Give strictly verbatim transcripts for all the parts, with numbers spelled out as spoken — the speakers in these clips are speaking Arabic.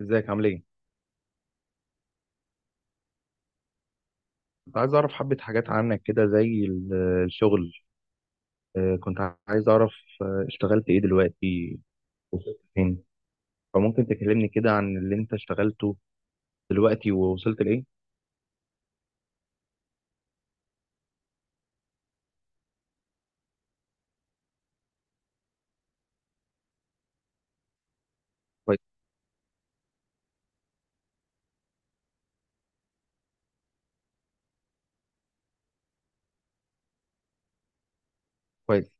ازيك عامل ايه؟ كنت عايز اعرف حبة حاجات عنك كده زي ال- الشغل. آه، كنت عايز اعرف آه، اشتغلت ايه دلوقتي، وصلت فين؟ فممكن تكلمني كده عن اللي انت اشتغلته دلوقتي ووصلت لايه؟ كويس. كويس.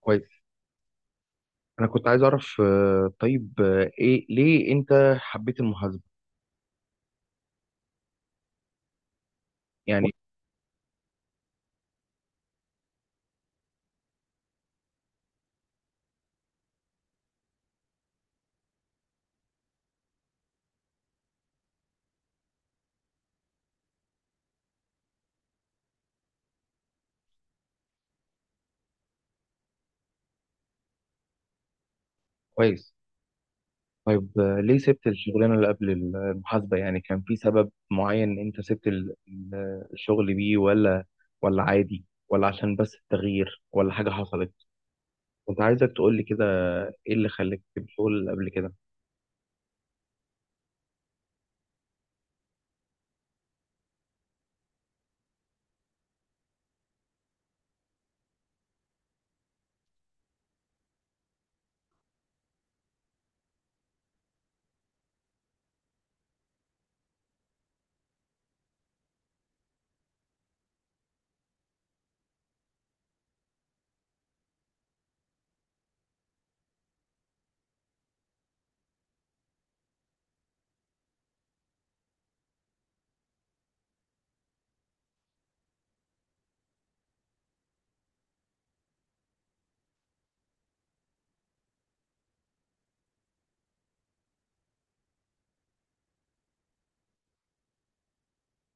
كويس. انا كنت عايز اعرف، آه، طيب، آه، ايه؟ ليه انت حبيت المحاسبة؟ يعني كويس. طيب، آه، ليه سبت الشغلانة اللي قبل المحاسبة؟ يعني كان في سبب معين انت سبت ال- ال- الشغل بيه ولا ولا عادي، ولا عشان بس التغيير، ولا حاجة حصلت؟ كنت عايزك تقول لي كده، ايه اللي خلاك بتقول قبل كده.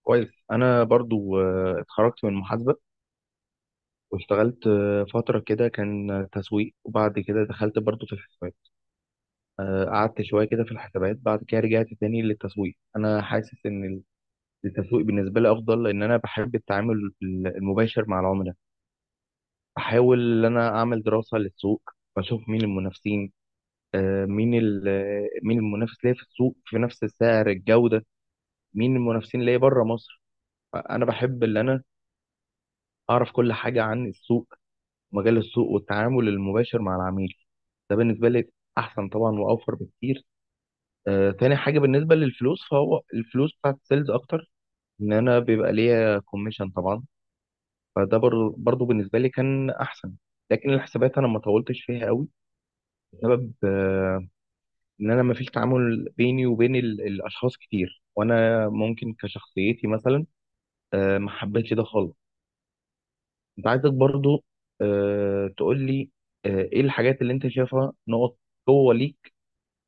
كويس. انا برضو آه، اتخرجت من محاسبه، واشتغلت آه، فتره كده كان تسويق، وبعد كده دخلت برضو في الحسابات. آه، قعدت شويه كده في الحسابات، بعد كده رجعت تاني للتسويق. انا حاسس ان التسويق بالنسبه لي افضل، لان انا بحب التعامل المباشر مع العملاء. بحاول ان انا اعمل دراسه للسوق، بشوف مين المنافسين، آه، مين ال- مين المنافس ليا في السوق، في نفس السعر، الجوده، مين المنافسين ليا بره مصر. انا بحب اللي انا اعرف كل حاجه عن السوق، مجال السوق، والتعامل المباشر مع العميل. ده بالنسبه لي احسن طبعا، واوفر بكتير. آه، تاني حاجه بالنسبه للفلوس، فهو الفلوس بتاعت السيلز اكتر، ان انا بيبقى ليا كوميشن طبعا. فده بر- برضو بالنسبه لي كان احسن. لكن الحسابات انا ما طولتش فيها قوي، بسبب آه ان انا ما فيش تعامل بيني وبين ال- الاشخاص كتير، وانا ممكن كشخصيتي مثلا آه، ما حبيتش ده خالص. انت عايزك برضو آه تقول لي آه، ايه الحاجات اللي انت شايفها نقط قوة ليك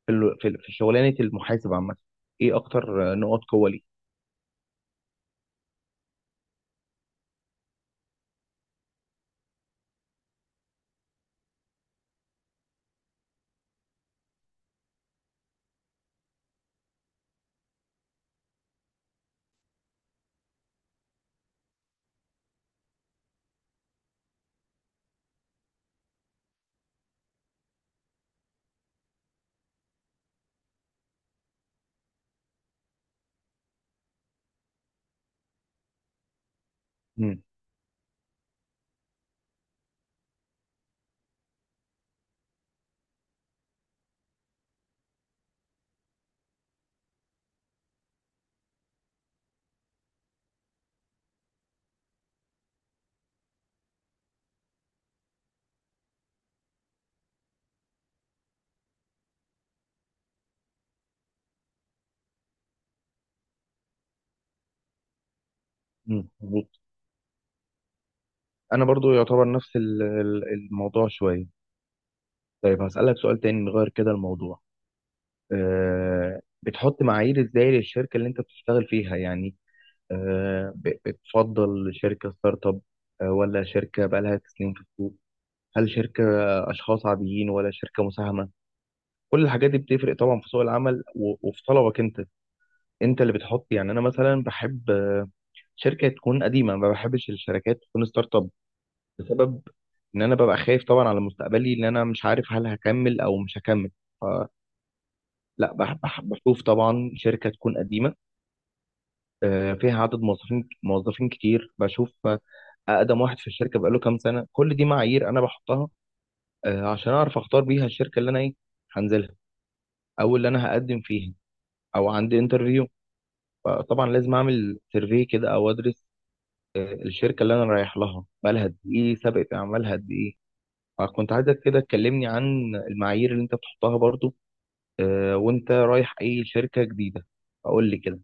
في ال... في في شغلانة المحاسب عامة؟ ايه اكتر آه، نقط قوة ليك؟ امم. امم، مظبوط. انا برضو يعتبر نفس ال- ال- الموضوع شوية. طيب، هسألك سؤال تاني، نغير كده الموضوع. آه بتحط معايير ازاي للشركة اللي انت بتشتغل فيها؟ يعني آه، ب- بتفضل شركة ستارت اب، آه ولا شركة بقالها سنين في السوق؟ هل شركة اشخاص عاديين، ولا شركة مساهمة؟ كل الحاجات دي بتفرق طبعا في سوق العمل، و- وفي طلبك انت. انت اللي بتحط. يعني انا مثلا بحب آه، شركه تكون قديمه، ما بحبش الشركات تكون ستارت اب، بسبب ان انا ببقى خايف طبعا على مستقبلي، ان انا مش عارف هل هكمل او مش هكمل. فلا، بح- بح- بشوف طبعا شركه تكون قديمه، آه، فيها عدد موظفين موظفين كتير. بشوف آه، اقدم واحد في الشركه بقاله كام سنه. كل دي معايير انا بحطها آه، عشان اعرف اختار بيها الشركه اللي انا ايه هنزلها، او اللي انا هقدم فيها، او عندي انترفيو. فطبعا لازم اعمل سيرفي كده، او ادرس الشركه اللي انا رايح لها، بقالها قد ايه، سابقه اعمالها قد ايه. فكنت عايزك كده تكلمني عن المعايير اللي انت بتحطها برضو، آه، وانت رايح اي شركه جديده. اقول لي كده.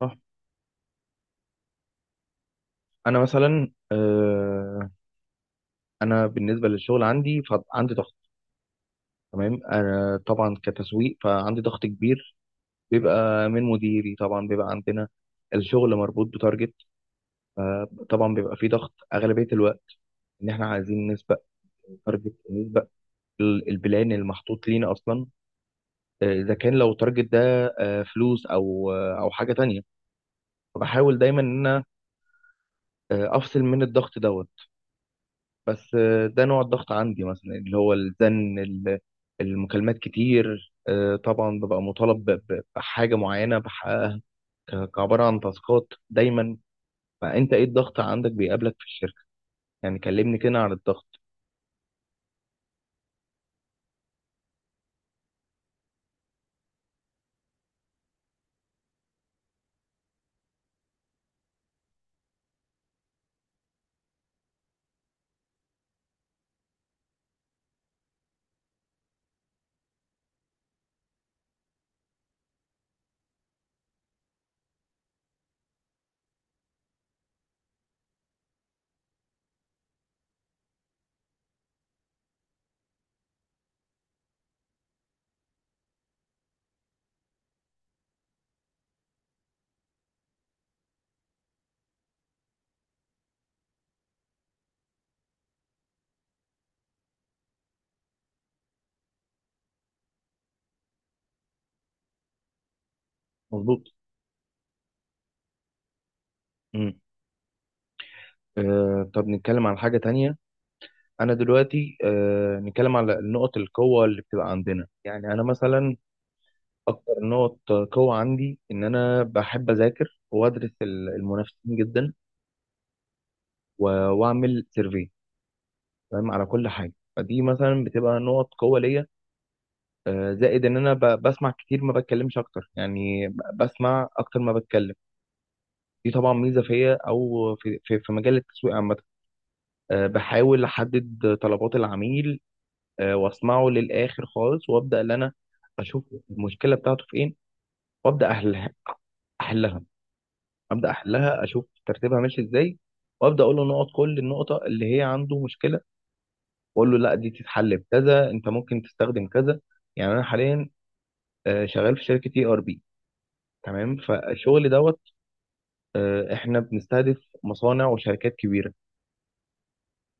صح. انا مثلا آه، انا بالنسبه للشغل عندي فعندي ضغط. تمام، انا طبعا كتسويق فعندي ضغط كبير، بيبقى من مديري طبعا. بيبقى عندنا الشغل مربوط بتارجت. آه، طبعا بيبقى فيه ضغط اغلبيه الوقت، ان احنا عايزين نسبق تارجت، ال- البلان اللي محطوط لينا اصلا. آه، اذا كان لو التارجت ده آه، فلوس، او آه، او حاجه تانية، فبحاول دايما ان انا آه، افصل من الضغط دوت. بس آه، ده نوع الضغط عندي مثلا، اللي هو الزن، ال- المكالمات كتير. آه، طبعا ببقى مطالب ب- ب- بحاجه معينه بحققها، ك- كعباره عن تاسكات دايما. فانت ايه الضغط عندك بيقابلك في الشركه؟ يعني كلمني كده عن الضغط. مظبوط. مم. آه، طب نتكلم عن حاجه تانية. انا دلوقتي آه نتكلم على نقط القوه اللي بتبقى عندنا. يعني انا مثلا اكتر نقط قوه عندي، ان انا بحب اذاكر وادرس ال- المنافسين جدا، و- واعمل سيرفي تمام على كل حاجه. فدي مثلا بتبقى نقط قوه ليا. آه، زائد ان انا ب- بسمع كتير ما بتكلمش اكتر. يعني ب- بسمع اكتر ما بتكلم. دي طبعا ميزه فيا، او في في في مجال التسويق عامه. آه، بحاول احدد طلبات العميل، آه، واسمعه للاخر خالص، وابدا ان انا اشوف المشكله بتاعته فين وابدا احلها. احلها، ابدا احلها، اشوف ترتيبها ماشي ازاي، وابدا اقول له نقط، كل النقطه اللي هي عنده مشكله، واقول له لا، دي تتحل بكذا، انت ممكن تستخدم كذا. يعني انا حاليا آه، شغال في شركه اي ار بي. تمام، فالشغل دوت، آه، احنا بنستهدف مصانع وشركات كبيره.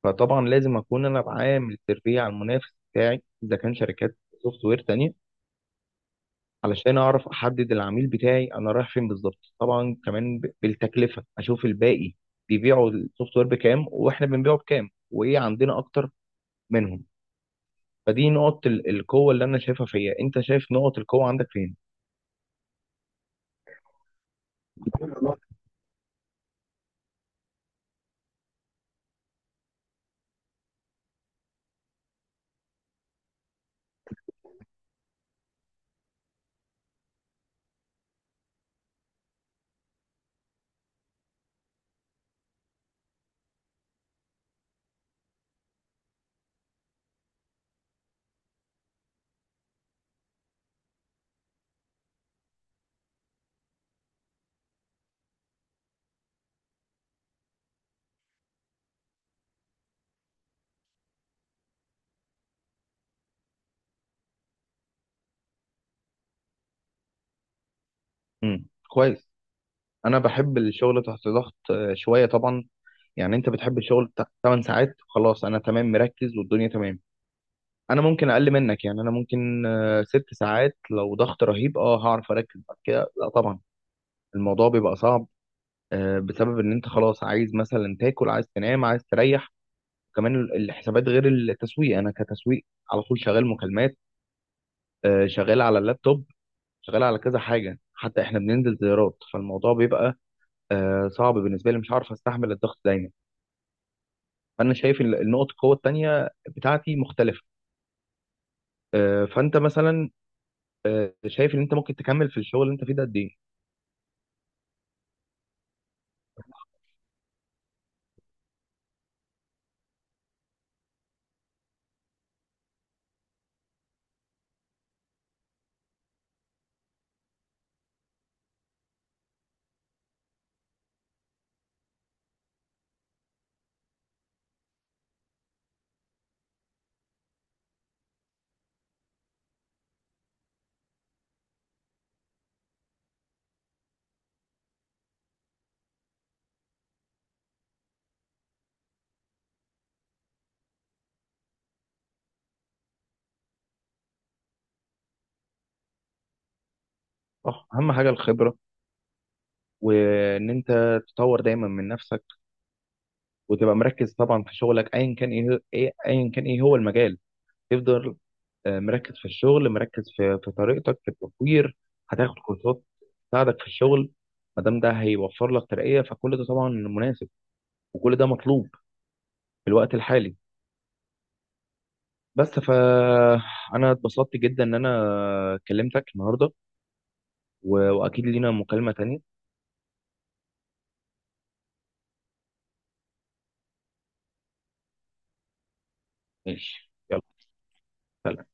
فطبعا لازم اكون انا بعامل سيرفي على المنافس بتاعي، اذا كان شركات سوفت وير تانية، علشان اعرف احدد العميل بتاعي انا رايح فين بالظبط. طبعا كمان ب- بالتكلفه اشوف الباقي بيبيعوا السوفت وير بكام، واحنا بنبيعه بكام، وايه عندنا اكتر منهم. فدي نقط ال- القوه اللي انا شايفها فيا. انت شايف نقط القوه عندك فين؟ امم، كويس. انا بحب الشغل تحت ضغط آه، شويه طبعا. يعني انت بتحب الشغل ثماني ساعات خلاص، انا تمام، مركز والدنيا تمام. انا ممكن اقل منك، يعني انا ممكن آه، ست ساعات لو ضغط رهيب، اه هعرف اركز، بعد كده لا طبعا الموضوع بيبقى صعب، آه، بسبب ان انت خلاص عايز مثلا تاكل، عايز تنام، عايز تريح. كمان ال- الحسابات غير التسويق. انا كتسويق على طول شغال مكالمات، آه، شغال على اللابتوب، شغال على كذا حاجه، حتى احنا بننزل زيارات. فالموضوع بيبقى آه، صعب بالنسبه لي، مش عارف استحمل الضغط دايما. فانا شايف ال- النقط القوه التانيه بتاعتي مختلفه. آه، فانت مثلا آه، شايف ان انت ممكن تكمل في الشغل اللي انت فيه ده قد ايه؟ صح، اهم حاجه الخبره، وان انت تطور دايما من نفسك، وتبقى مركز طبعا في شغلك، ايا كان ايه هو- ايه ايا كان ايه هو المجال. تفضل آه، مركز في الشغل، مركز في في طريقتك في التطوير. هتاخد كورسات تساعدك في الشغل، ما دام ده هيوفر لك ترقية، فكل ده طبعا مناسب، وكل ده مطلوب في الوقت الحالي. بس فأنا اتبسطت جدا إن أنا كلمتك النهاردة، و- وأكيد لينا مكالمة تانية. ماشي، يلا. سلام.